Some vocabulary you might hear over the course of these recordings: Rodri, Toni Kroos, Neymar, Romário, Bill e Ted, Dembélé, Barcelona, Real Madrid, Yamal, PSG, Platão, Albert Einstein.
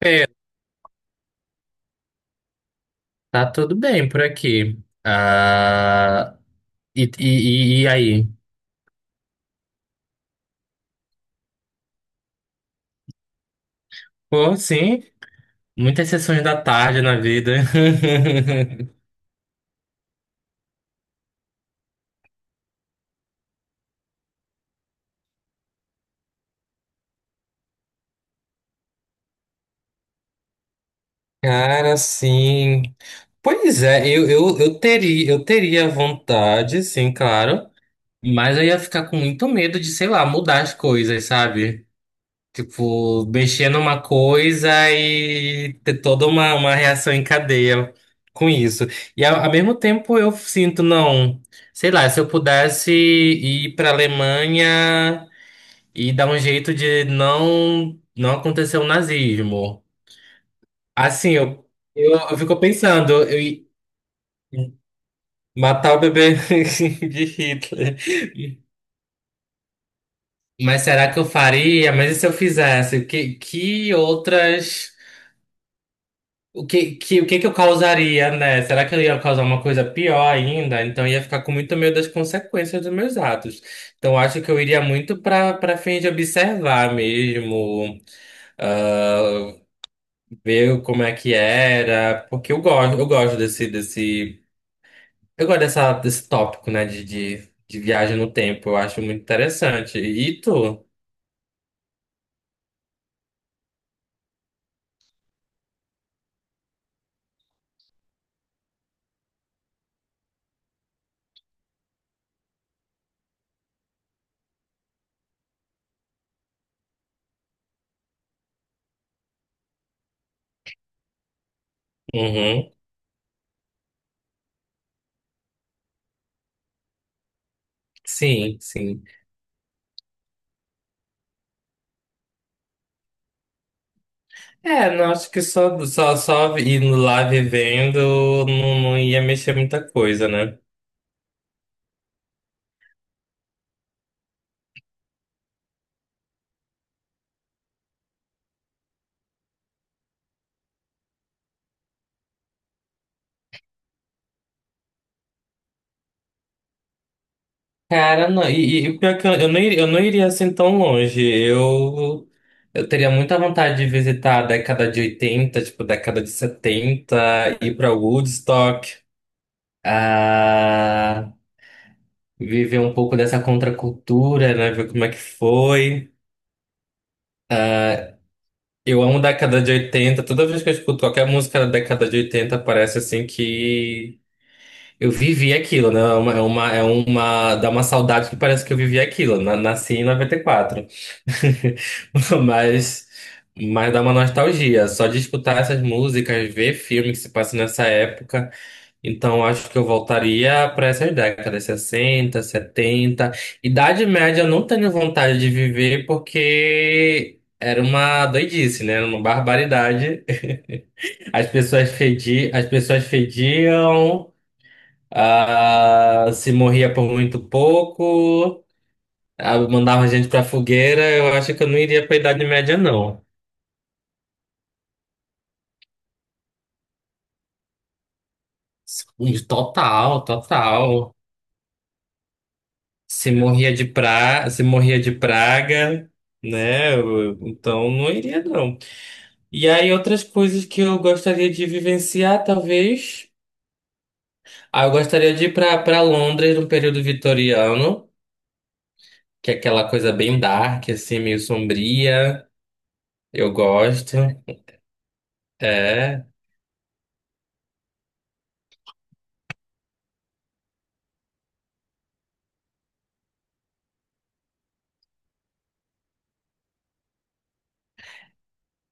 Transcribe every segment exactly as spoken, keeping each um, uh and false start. É, tá tudo bem por aqui. Ah, e, e, e- e aí? Pô, sim, muitas sessões da tarde na vida. Cara, sim. Pois é, eu, eu, eu teria, eu teria vontade, sim, claro. Mas eu ia ficar com muito medo de, sei lá, mudar as coisas, sabe? Tipo, mexer numa coisa e ter toda uma, uma reação em cadeia com isso. E ao, ao mesmo tempo eu sinto, não, sei lá, se eu pudesse ir para Alemanha e dar um jeito de não não acontecer o nazismo. Assim, eu, eu, eu fico pensando, eu i- matar o bebê de Hitler. Mas será que eu faria? Mas e se eu fizesse? Que, que outras. O que, que, o que que eu causaria, né? Será que eu ia causar uma coisa pior ainda? Então eu ia ficar com muito medo das consequências dos meus atos. Então eu acho que eu iria muito para para fim de observar mesmo, ah, ver como é que era, porque eu gosto, eu gosto desse, desse, eu gosto dessa, desse tópico, né? De, de, de viagem no tempo. Eu acho muito interessante. E tu? Uhum. Sim, sim. É, não, acho que só, só, só indo lá vivendo não, não ia mexer muita coisa, né? Cara, não, e, e e pior é que eu, eu não iria, eu não iria assim tão longe. Eu, eu teria muita vontade de visitar a década de oitenta, tipo, década de setenta ir pra Woodstock, ah, viver um pouco dessa contracultura, né? Ver como é que foi. Eu amo década de oitenta. Toda vez que eu escuto qualquer música da década de oitenta parece assim que. Eu vivi aquilo, né? É uma, é uma, é uma- dá uma saudade que parece que eu vivi aquilo. Na- nasci em noventa e quatro. Mas, mas dá uma nostalgia. Só de escutar essas músicas, ver filme que se passa nessa época. Então acho que eu voltaria para essas décadas, sessenta, setenta. Idade Média eu não tenho vontade de viver porque era uma doidice, né? Era uma barbaridade. As pessoas fedi, as pessoas fediam. Ah, se morria por muito pouco, ah, mandava gente pra fogueira, eu acho que eu não iria pra Idade Média, não. Total, total. Se morria de pra... se morria de praga, né? eu- Então não iria, não. E aí, outras coisas que eu gostaria de vivenciar, talvez. Ah, eu gostaria de ir pra, pra Londres no período vitoriano, que é aquela coisa bem dark, assim, meio sombria. Eu gosto. É.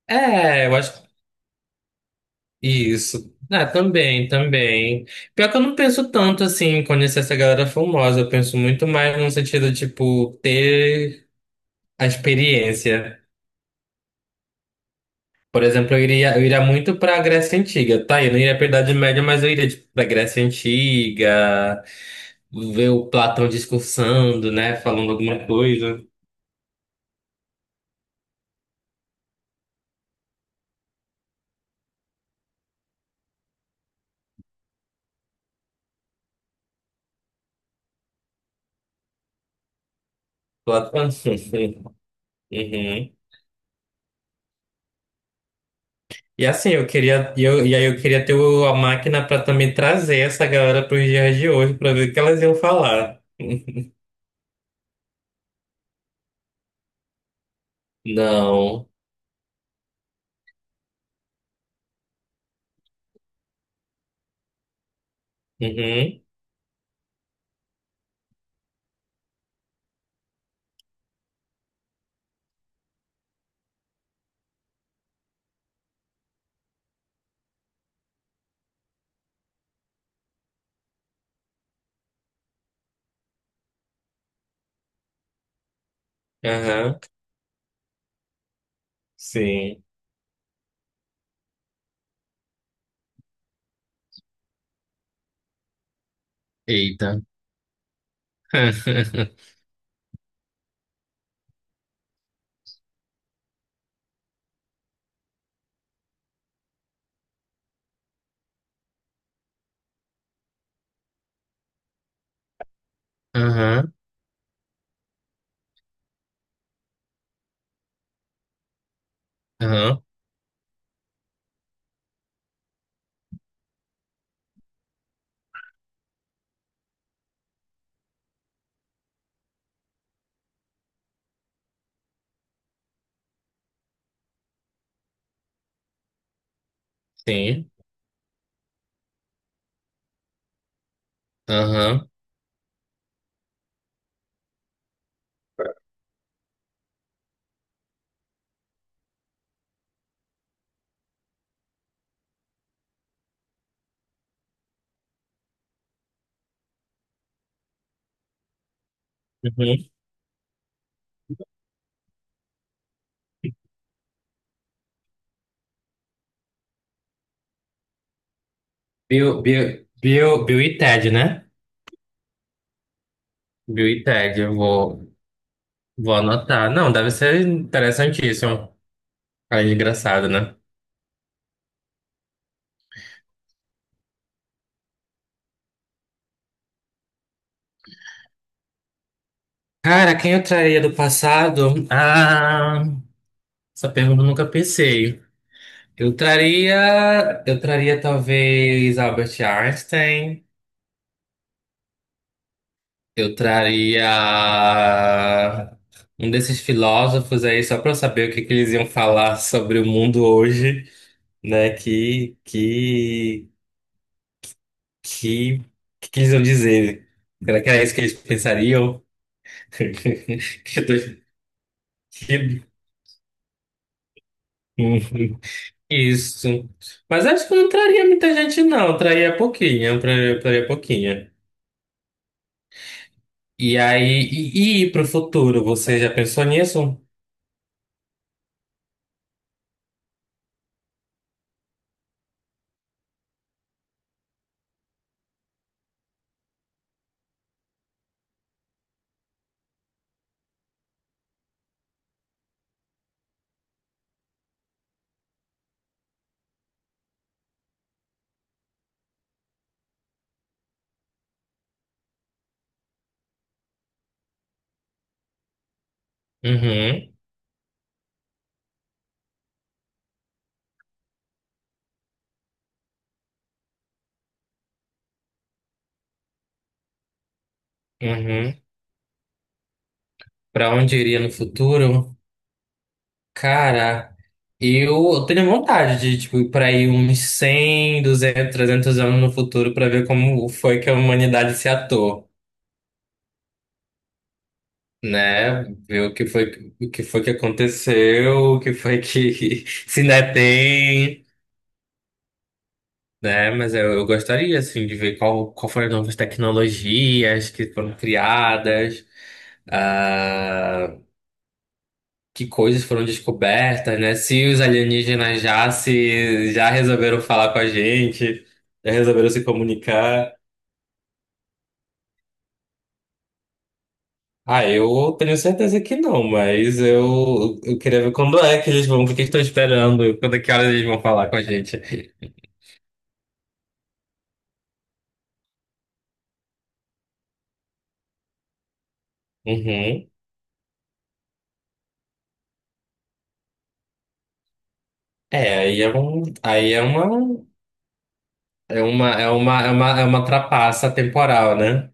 É, eu acho isso. Ah, também, também. Pior que eu não penso tanto assim em conhecer essa galera famosa. Eu penso muito mais no sentido, tipo, ter a experiência. Por exemplo, eu iria, eu iria muito pra Grécia Antiga. Tá, eu não iria pra Idade Média, mas eu iria, tipo, pra Grécia Antiga, ver o Platão discursando, né? Falando alguma coisa. Platão. Uhum. E assim, eu queria, e eu, e aí eu queria ter o- a máquina para também trazer essa galera para os dias de hoje, para ver o que elas iam falar. Não. Uhum. Aham. Sim. Eita. Aham. Aham. Sim. Aham. Uhum. Bill, Bill, Bill, Bill e Ted, né? Bill e Ted, eu vou, vou anotar. Não, deve ser interessantíssimo. Ah, engraçado, né? Cara, quem eu traria do passado? Ah, essa pergunta eu nunca pensei. Eu traria, eu traria talvez Albert Einstein, eu traria um desses filósofos aí só para eu saber o que que eles iam falar sobre o mundo hoje, né? Que que que que, que eles iam dizer? Será que era isso que eles pensariam? Que doido. Que- Uhum. Isso. Mas acho que eu não traria muita gente, não. Eu traria pouquinha, eu traria, eu traria pouquinha. E aí, e, e para futuro, você já pensou nisso? Uhum, uhum. Para onde eu iria no futuro? Cara, eu tenho vontade de tipo, ir para aí uns cem, duzentos, trezentos anos no futuro para ver como foi que a humanidade se atou, né? Ver o que foi, o que foi que aconteceu, o que foi que se ainda tem. Né? Mas eu, eu gostaria, assim, de ver qual, qual foram as novas tecnologias que foram criadas, ah, que coisas foram descobertas, né? Se os alienígenas já se, já resolveram falar com a gente, já resolveram se comunicar. Ah, eu tenho certeza que não, mas eu, eu queria ver quando é que eles vão, o que estão esperando, quando é que horas eles vão falar com a gente. Uhum. É, aí é um, aí é uma É uma, é uma, é uma, é uma trapaça temporal, né?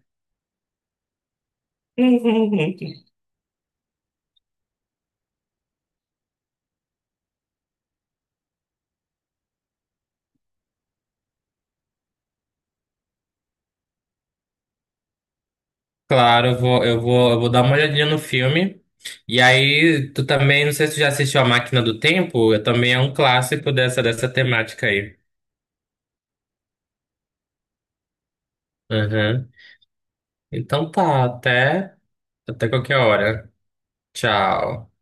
Claro, eu vou, eu vou, eu vou dar uma olhadinha no filme. E aí, tu também, não sei se tu já assistiu A Máquina do Tempo, eu também é um clássico dessa, dessa temática aí. Uhum. Então tá, até, até qualquer hora. Tchau.